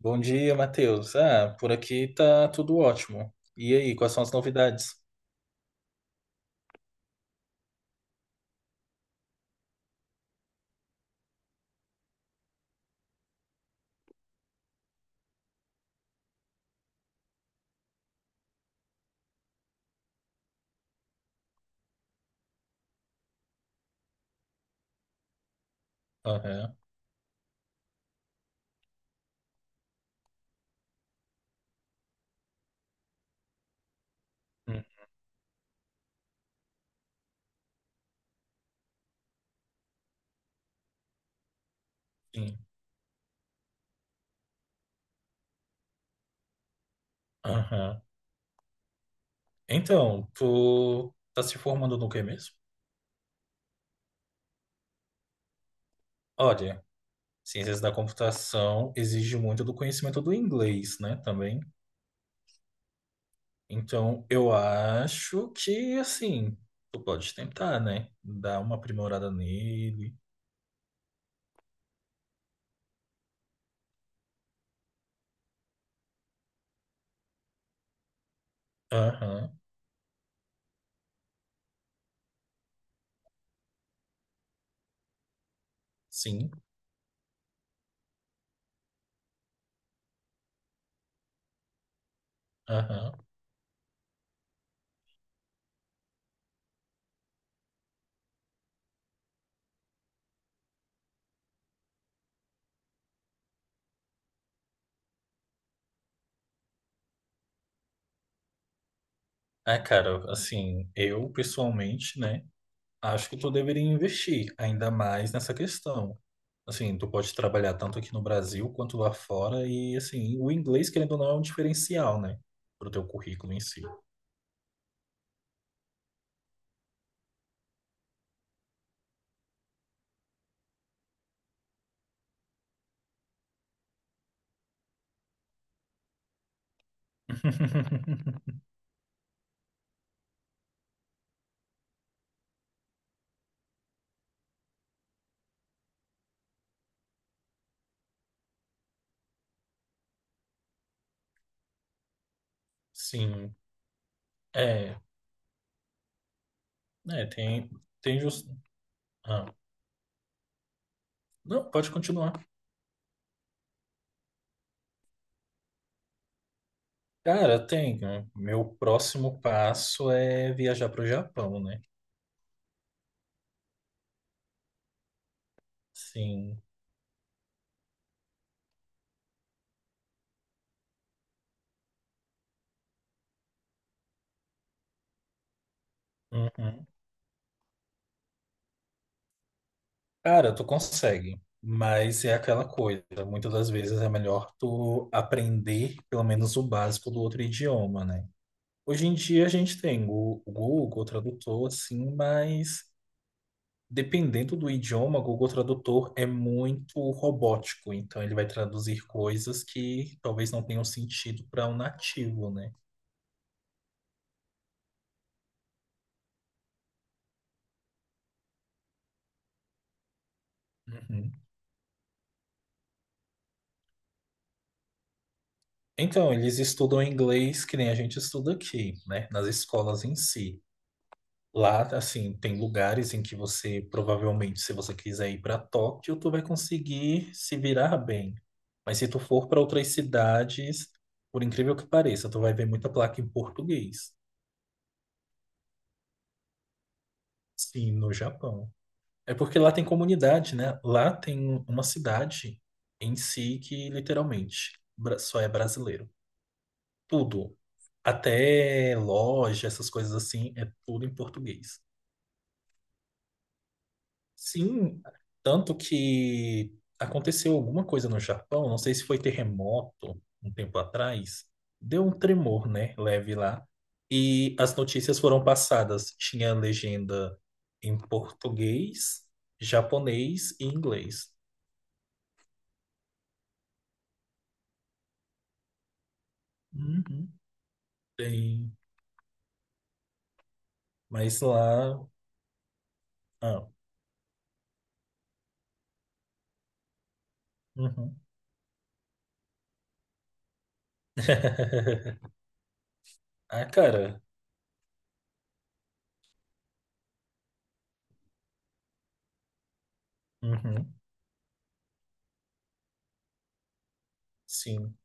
Bom dia, Matheus. Ah, por aqui tá tudo ótimo. E aí, quais são as novidades? Aham. Hum, Sim. Aham. Então, tu tá se formando no que mesmo? Olha, ciências da computação exige muito do conhecimento do inglês, né, também. Então, eu acho que, assim, tu pode tentar, né, dar uma aprimorada nele. Aham, sim. Aham. Ah, cara, assim, eu pessoalmente, né? Acho que tu deveria investir ainda mais nessa questão. Assim, tu pode trabalhar tanto aqui no Brasil quanto lá fora e, assim, o inglês, querendo ou não, é um diferencial, né? Pro teu currículo em si. Sim, é, né, tem, tem jus- ah, não, pode continuar. Cara, tem, né, meu próximo passo é viajar para o Japão, né? Sim, uhum. Cara, tu consegue, mas é aquela coisa. Muitas das vezes é melhor tu aprender pelo menos o básico do outro idioma, né? Hoje em dia a gente tem o Google Tradutor, assim, mas dependendo do idioma, o Google Tradutor é muito robótico, então ele vai traduzir coisas que talvez não tenham sentido para um nativo, né? Uhum. Então, eles estudam inglês que nem a gente estuda aqui, né? Nas escolas em si. Lá, assim, tem lugares em que você provavelmente, se você quiser ir para Tóquio, tu vai conseguir se virar bem. Mas se tu for para outras cidades, por incrível que pareça, tu vai ver muita placa em português. Sim, no Japão. É porque lá tem comunidade, né? Lá tem uma cidade em si que literalmente só é brasileiro. Tudo, até loja, essas coisas assim, é tudo em português. Sim, tanto que aconteceu alguma coisa no Japão, não sei se foi terremoto um tempo atrás, deu um tremor, né, leve lá, e as notícias foram passadas, tinha a legenda em português, japonês e inglês. Uhum. Tem, mas lá, ah, uhum. Ah, cara, uhum. Sim,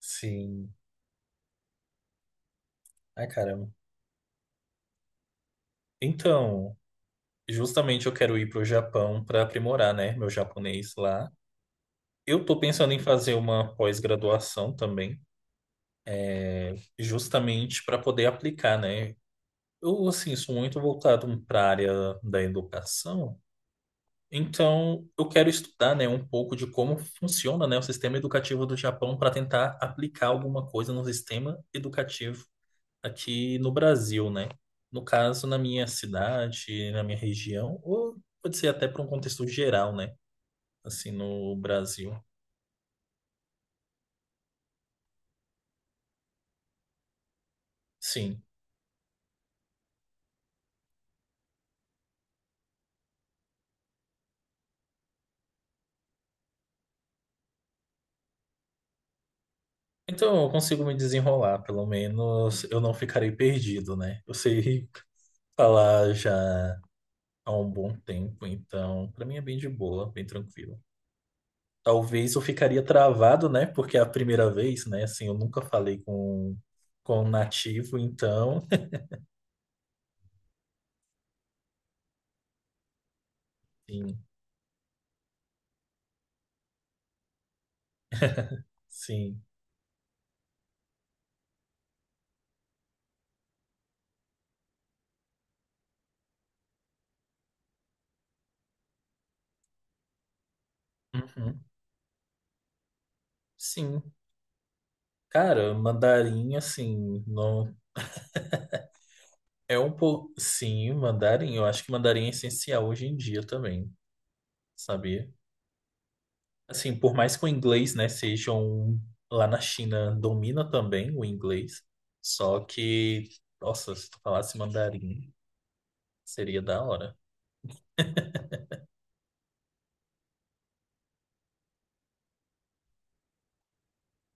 sim. Ah, cara, então justamente eu quero ir para o Japão para aprimorar, né, meu japonês lá. Eu estou pensando em fazer uma pós-graduação também, justamente para poder aplicar, né? Eu, assim, sou muito voltado para a área da educação, então eu quero estudar, né, um pouco de como funciona, né, o sistema educativo do Japão para tentar aplicar alguma coisa no sistema educativo aqui no Brasil, né? No caso, na minha cidade, na minha região, ou pode ser até para um contexto geral, né? Assim, no Brasil. Sim. Então, eu consigo me desenrolar, pelo menos eu não ficarei perdido, né? Eu sei falar já há um bom tempo, então para mim é bem de boa, bem tranquilo. Talvez eu ficaria travado, né? Porque é a primeira vez, né? Assim, eu nunca falei com um nativo, então. Sim, sim. Uhum. Sim. Cara, mandarim, assim, não. É um pouco. Sim, mandarim. Eu acho que mandarim é essencial hoje em dia também, sabia? Assim, por mais que o inglês, né, seja um... Lá na China domina também o inglês. Só que, nossa, se tu falasse mandarim, seria da hora.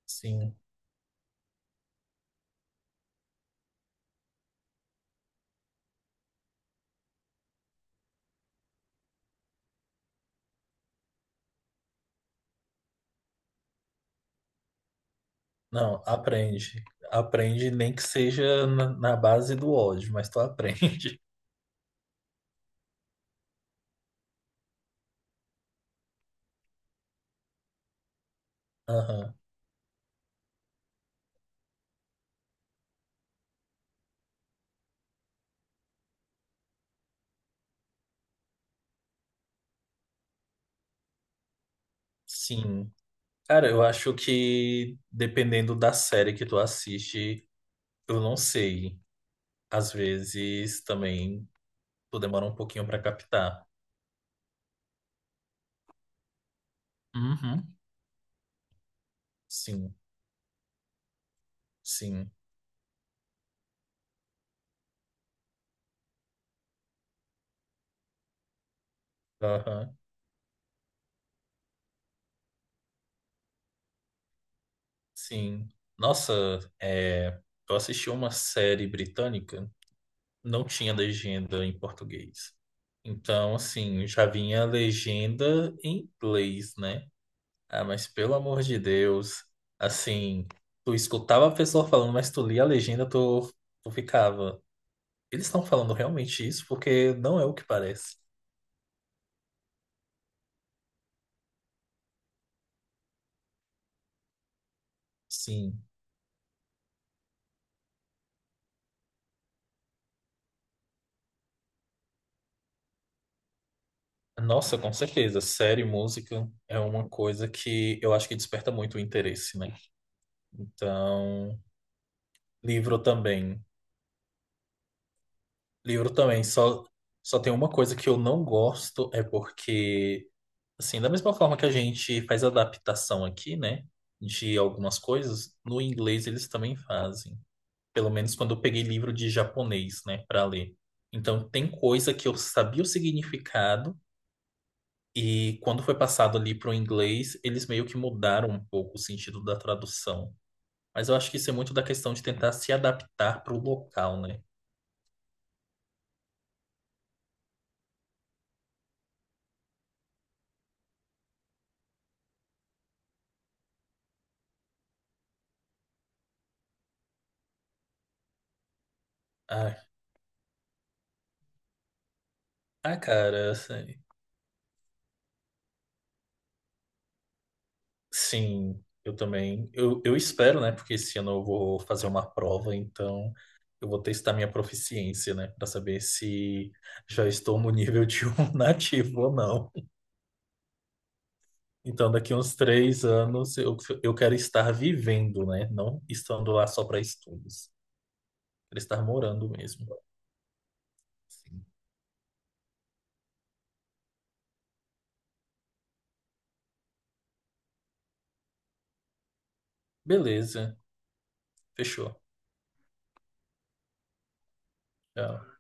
Sim. Não, aprende. Aprende nem que seja na base do ódio, mas tu aprende. Aham. Sim. Cara, eu acho que dependendo da série que tu assiste, eu não sei. Às vezes também tu demora um pouquinho pra captar. Uhum. Sim, sim. Aham. Sim. Nossa, é, eu assisti uma série britânica, não tinha legenda em português. Então, assim, já vinha a legenda em inglês, né? Ah, mas pelo amor de Deus, assim, tu escutava a pessoa falando, mas tu lia a legenda, tu, tu ficava. Eles estão falando realmente isso? Porque não é o que parece. Sim. Nossa, com certeza. Série, música é uma coisa que eu acho que desperta muito o interesse, né? Então. Livro também. Livro também. Só, só tem uma coisa que eu não gosto, é porque, assim, da mesma forma que a gente faz adaptação aqui, né, de algumas coisas, no inglês eles também fazem. Pelo menos quando eu peguei livro de japonês, né, para ler. Então, tem coisa que eu sabia o significado, e quando foi passado ali pro inglês, eles meio que mudaram um pouco o sentido da tradução. Mas eu acho que isso é muito da questão de tentar se adaptar pro local, né? Ah, ah, cara. Assim, sim, eu também. Eu espero, né? Porque esse ano eu vou fazer uma prova, então eu vou testar minha proficiência, né? Para saber se já estou no nível de um nativo ou não. Então, daqui uns 3 anos eu quero estar vivendo, né? Não estando lá só para estudos. Quero estar morando mesmo. Sim. Beleza, fechou. Tchau.